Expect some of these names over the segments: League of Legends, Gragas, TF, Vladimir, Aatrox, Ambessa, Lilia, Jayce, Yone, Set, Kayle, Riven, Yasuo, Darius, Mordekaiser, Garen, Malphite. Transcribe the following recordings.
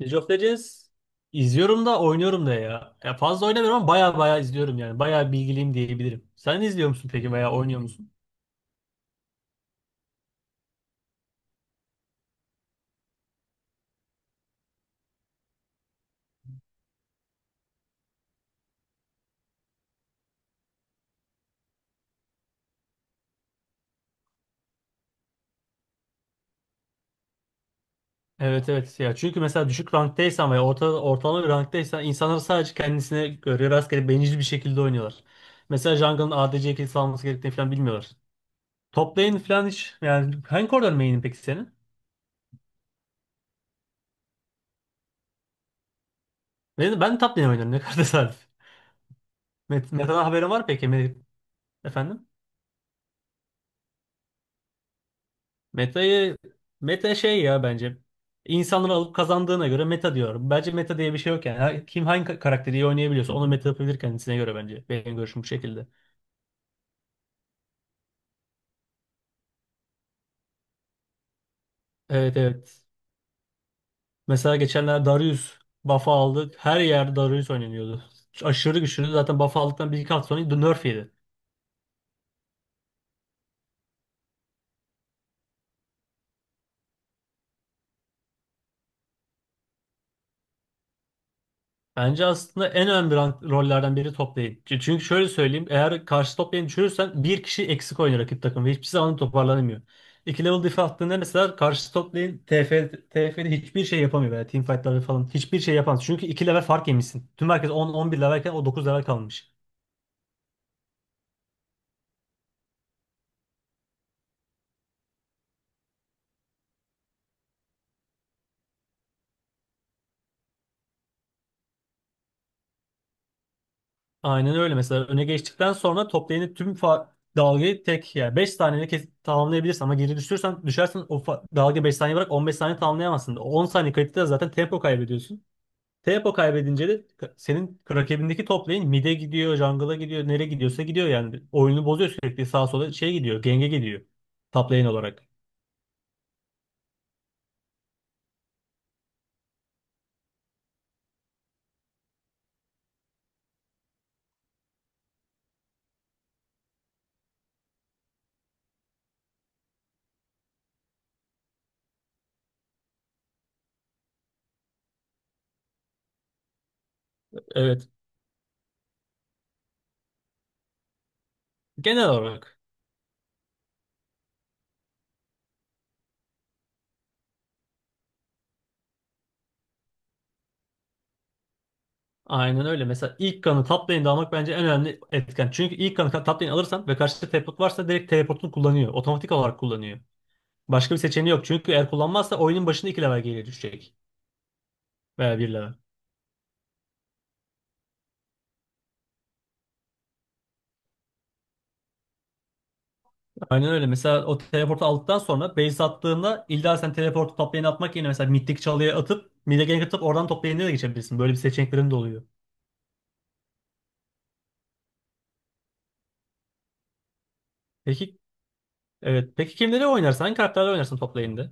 League of Legends izliyorum da oynuyorum da ya. Ya fazla oynamıyorum ama baya baya izliyorum yani. Baya bilgiliyim diyebilirim. Sen izliyor musun peki veya oynuyor musun? Evet, evet, ya, çünkü mesela düşük ranktaysan veya orta, ortalama bir ranktaysan insanlar sadece kendisine göre rastgele bencil bir şekilde oynuyorlar. Mesela jungle'ın ADC kilisi alması gerektiğini falan bilmiyorlar. Top lane falan hiç yani, hangi koridor main'in peki senin? Ben top lane oynuyorum, ne kadar tesadüf. Meta'dan haberin var peki? Efendim? Meta'yı meta şey ya bence. İnsanları alıp kazandığına göre meta diyorum. Bence meta diye bir şey yok yani. Kim hangi karakteri iyi oynayabiliyorsa onu meta yapabilir kendisine göre bence. Benim görüşüm bu şekilde. Evet, evet. Mesela geçenler Darius buff'ı aldık. Her yer Darius oynanıyordu. Aşırı güçlüydü. Zaten buff aldıktan bir iki hafta sonra nerf yedi. Bence aslında en önemli rollerden biri toplayıcı. Çünkü şöyle söyleyeyim. Eğer karşı toplayıcı düşürürsen bir kişi eksik oynuyor rakip takım ve hiçbir zaman toparlanamıyor. İki level diff attığında mesela karşı toplayıcı TF'de hiçbir şey yapamıyor veya teamfightlarda falan hiçbir şey yapamaz. Çünkü iki level fark yemişsin. Tüm herkes 10-11 levelken o 9 level kalmış. Aynen öyle. Mesela öne geçtikten sonra toplayıcının tüm dalgayı tek, yani 5 saniyede tamamlayabilirsin, ama geri düşersen o dalga 5 saniye bırak, 15 saniye tamamlayamazsın. 10 saniye kayıtta zaten tempo kaybediyorsun. Tepo kaybedince de senin rakibindeki top lane mid'e gidiyor, jungle'a gidiyor, nereye gidiyorsa gidiyor yani. Oyunu bozuyor, sürekli sağa sola şey gidiyor, genge gidiyor. Top lane olarak. Evet. Genel olarak. Aynen öyle. Mesela ilk kanı top lane'de almak bence en önemli etken. Çünkü ilk kanı top lane alırsan ve karşıda teleport varsa direkt teleportunu kullanıyor. Otomatik olarak kullanıyor. Başka bir seçeneği yok. Çünkü eğer kullanmazsa oyunun başında 2 level geriye düşecek. Veya bir level. Aynen öyle. Mesela o teleportu aldıktan sonra base attığında illa sen teleportu toplayana atmak yerine mesela mittik çalıya atıp mid'e gank atıp oradan top lane'e de geçebilirsin. Böyle bir seçeneklerin de oluyor. Peki, evet. Peki kimleri oynarsın? Hangi karakterleri oynarsın top lane'de?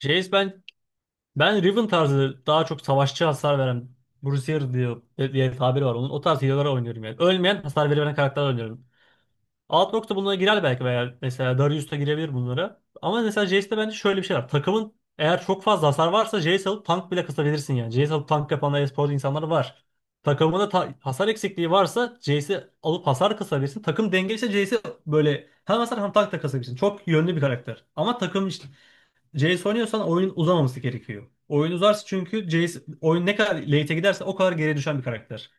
Jayce bence. Ben Riven tarzı, daha çok savaşçı, hasar veren Bruiser diye, diye tabiri var onun. O tarz healer'lar oynuyorum yani. Ölmeyen, hasar veren karakterler oynuyorum. Aatrox da bunlara girer belki, veya mesela Darius da girebilir bunlara. Ama mesela Jayce'de bence şöyle bir şey var. Takımın eğer çok fazla hasar varsa Jayce alıp tank bile kısabilirsin yani. Jayce alıp tank yapan e-sporcu insanlar var. Takımında hasar eksikliği varsa Jayce'i alıp hasar kısabilirsin. Takım dengeliyse Jayce'i böyle hem hasar hem tank da kısabilirsin. Çok yönlü bir karakter. Ama takım CS oynuyorsan oyunun uzamaması gerekiyor. Oyun uzarsa çünkü CS, oyun ne kadar late'e giderse o kadar geriye düşen bir karakter.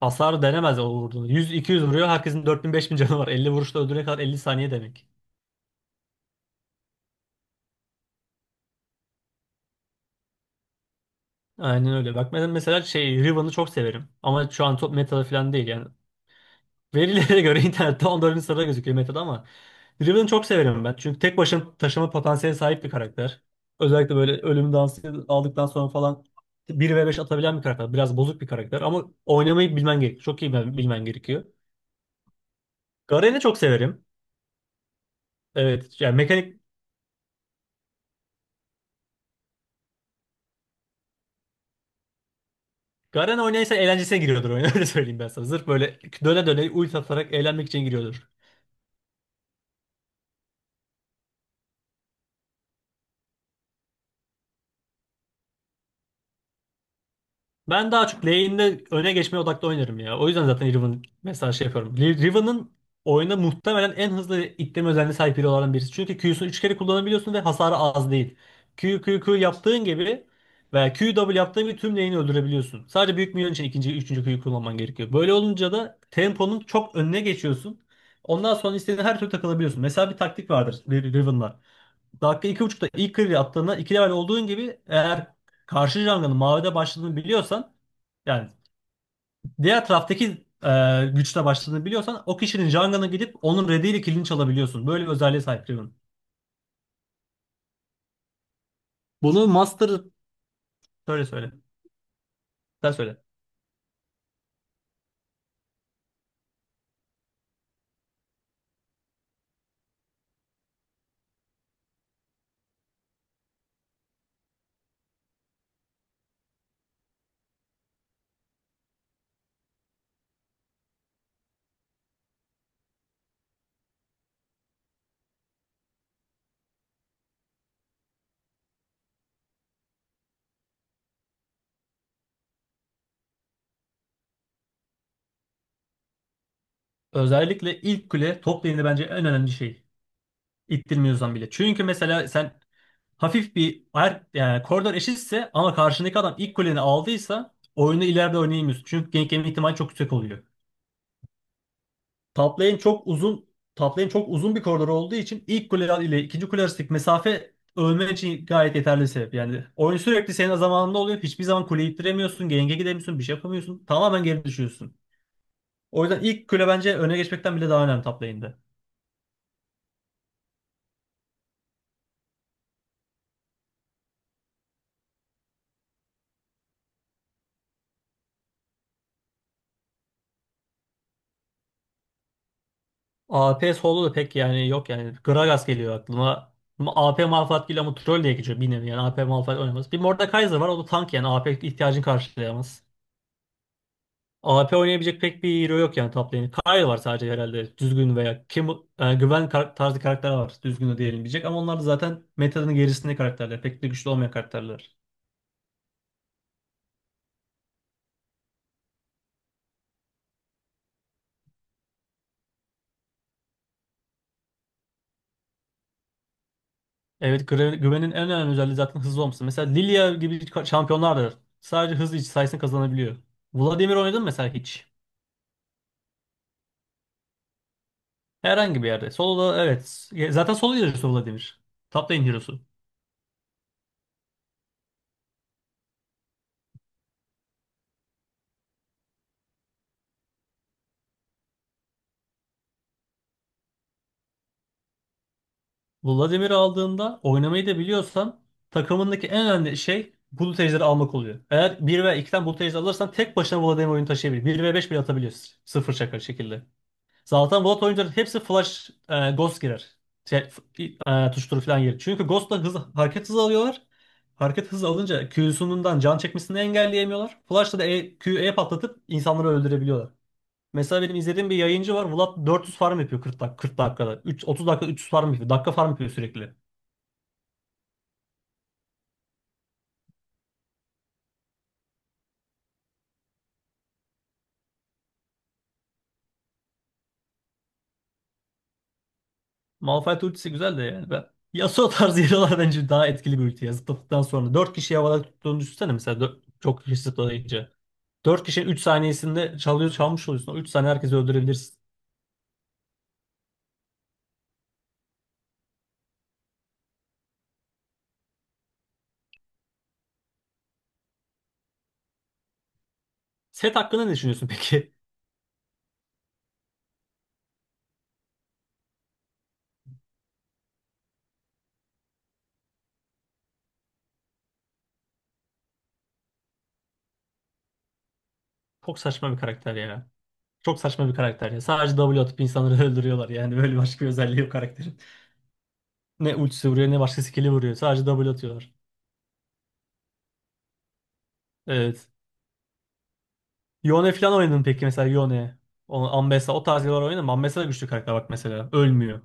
Hasar denemez o vurduğunu. 100-200 vuruyor. Herkesin 4000-5000 canı var. 50 vuruşla öldürene kadar 50 saniye demek. Aynen öyle. Bak ben mesela şey Riven'ı çok severim. Ama şu an top meta falan değil yani. Verilere göre internette 14. sırada gözüküyor Meta'da, ama Driven'ı çok severim ben. Çünkü tek başına taşıma potansiyeli sahip bir karakter. Özellikle böyle ölüm dansı aldıktan sonra falan bir ve beş atabilen bir karakter. Biraz bozuk bir karakter, ama oynamayı bilmen gerekiyor. Çok iyi bilmen gerekiyor. Garen'i çok severim. Evet yani, mekanik Garen oynaysa eğlencesine giriyordur oyuna, öyle söyleyeyim ben sana. Zırf böyle döne döne ult atarak eğlenmek için giriyordur. Ben daha çok lane'de öne geçmeye odaklı oynarım ya. O yüzden zaten Riven mesela şey yapıyorum. Riven'ın oyuna muhtemelen en hızlı itleme özelliğine sahip biri olan birisi. Çünkü Q'sunu 3 kere kullanabiliyorsun ve hasarı az değil. Q, Q, Q yaptığın gibi veya Q W yaptığın gibi tüm lane'i öldürebiliyorsun. Sadece büyük minyon için ikinci, üçüncü Q'yu kullanman gerekiyor. Böyle olunca da temponun çok önüne geçiyorsun. Ondan sonra istediğin her türlü takılabiliyorsun. Mesela bir taktik vardır Riven'la. Dakika iki buçukta ilk clear'i attığında 2 level olduğun gibi, eğer karşı jungle'ın mavide başladığını biliyorsan, yani diğer taraftaki güçle başladığını biliyorsan, o kişinin jungle'ına gidip onun red'iyle kill'ini çalabiliyorsun. Böyle bir özelliğe sahip Riven. Bunu Master söyle, söyle. Sen söyle. Özellikle ilk kule top lane'de bence en önemli şey. İttirmiyorsan bile. Çünkü mesela sen hafif bir yani koridor eşitse ama karşındaki adam ilk kuleni aldıysa oyunu ileride oynayamıyorsun. Çünkü gank yeme ihtimali çok yüksek oluyor. Top lane çok uzun top lane çok uzun bir koridor olduğu için ilk kule ile ikinci kule arasındaki mesafe ölmen için gayet yeterli bir sebep. Yani oyun sürekli senin zamanında oluyor. Hiçbir zaman kuleyi ittiremiyorsun. Genge gidemiyorsun. Bir şey yapamıyorsun. Tamamen geri düşüyorsun. O yüzden ilk kule bence öne geçmekten bile daha önemli top lane'de. AP solo da pek yani yok yani. Gragas geliyor aklıma. Ama AP Malphite geliyor, ama troll diye geçiyor bir nevi yani. AP Malphite oynamaz. Bir Mordekaiser var, o da tank yani AP ihtiyacını karşılayamaz. AP oynayabilecek pek bir hero yok yani top lane'e. Kayle var sadece herhalde düzgün, veya kim güven tarzı karakter var düzgün de diyebilecek, ama onlar da zaten metanın gerisinde karakterler. Pek de güçlü olmayan karakterler. Evet, güvenin en önemli özelliği zaten hızlı olması. Mesela Lilia gibi şampiyonlar da sadece hızlı sayesinde kazanabiliyor. Vladimir oynadın mı mesela hiç? Herhangi bir yerde. Solo'da evet. Zaten solo hero'su Vladimir. Top lane hero'su. Vladimir'i aldığında oynamayı da biliyorsan takımındaki en önemli şey bulut ejderi almak oluyor. Eğer 1 veya 2'den bulut ejderi alırsan tek başına Vladimir oyunu taşıyabilir. Bir ve 5 bile atabiliyor. Sıfır şaka şekilde. Zaten Vlad oyuncuların hepsi flash ghost girer. Şey, tuşturu falan girer. Çünkü ghost'la hız, hareket hızı alıyorlar. Hareket hızı alınca Q'sundan can çekmesini engelleyemiyorlar. Flash'la da Q'ye patlatıp insanları öldürebiliyorlar. Mesela benim izlediğim bir yayıncı var. Vlad 400 farm yapıyor 40 40 dakikada. 3, 30 dakika 300 farm yapıyor. Dakika farm yapıyor sürekli. Malphite ultisi güzel de yani. Ben. Yasuo tarzı hero'lar bence daha etkili bir ulti ya. Zıpladıktan sonra 4 kişi havada tuttuğunu düşünsene mesela çok kişi zıplayınca. 4 kişinin 3 saniyesinde çalıyor çalmış oluyorsun. O 3 saniye herkesi öldürebilirsin. Set hakkında ne düşünüyorsun peki? Çok saçma bir karakter ya. Çok saçma bir karakter ya. Sadece W atıp insanları öldürüyorlar. Yani böyle başka bir özelliği yok karakterin. Ne ultisi vuruyor, ne başka skill'i vuruyor. Sadece W atıyorlar. Evet. Yone falan oynadın peki mesela, Yone. Ambessa o tarz hero'lar oynadın mı? Ambessa da güçlü karakter bak mesela. Ölmüyor.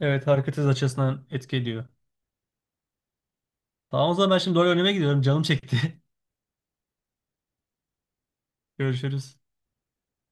Evet, hareket hız açısından etki ediyor. Tamam, o zaman ben şimdi doğru önüme gidiyorum. Canım çekti. Görüşürüz.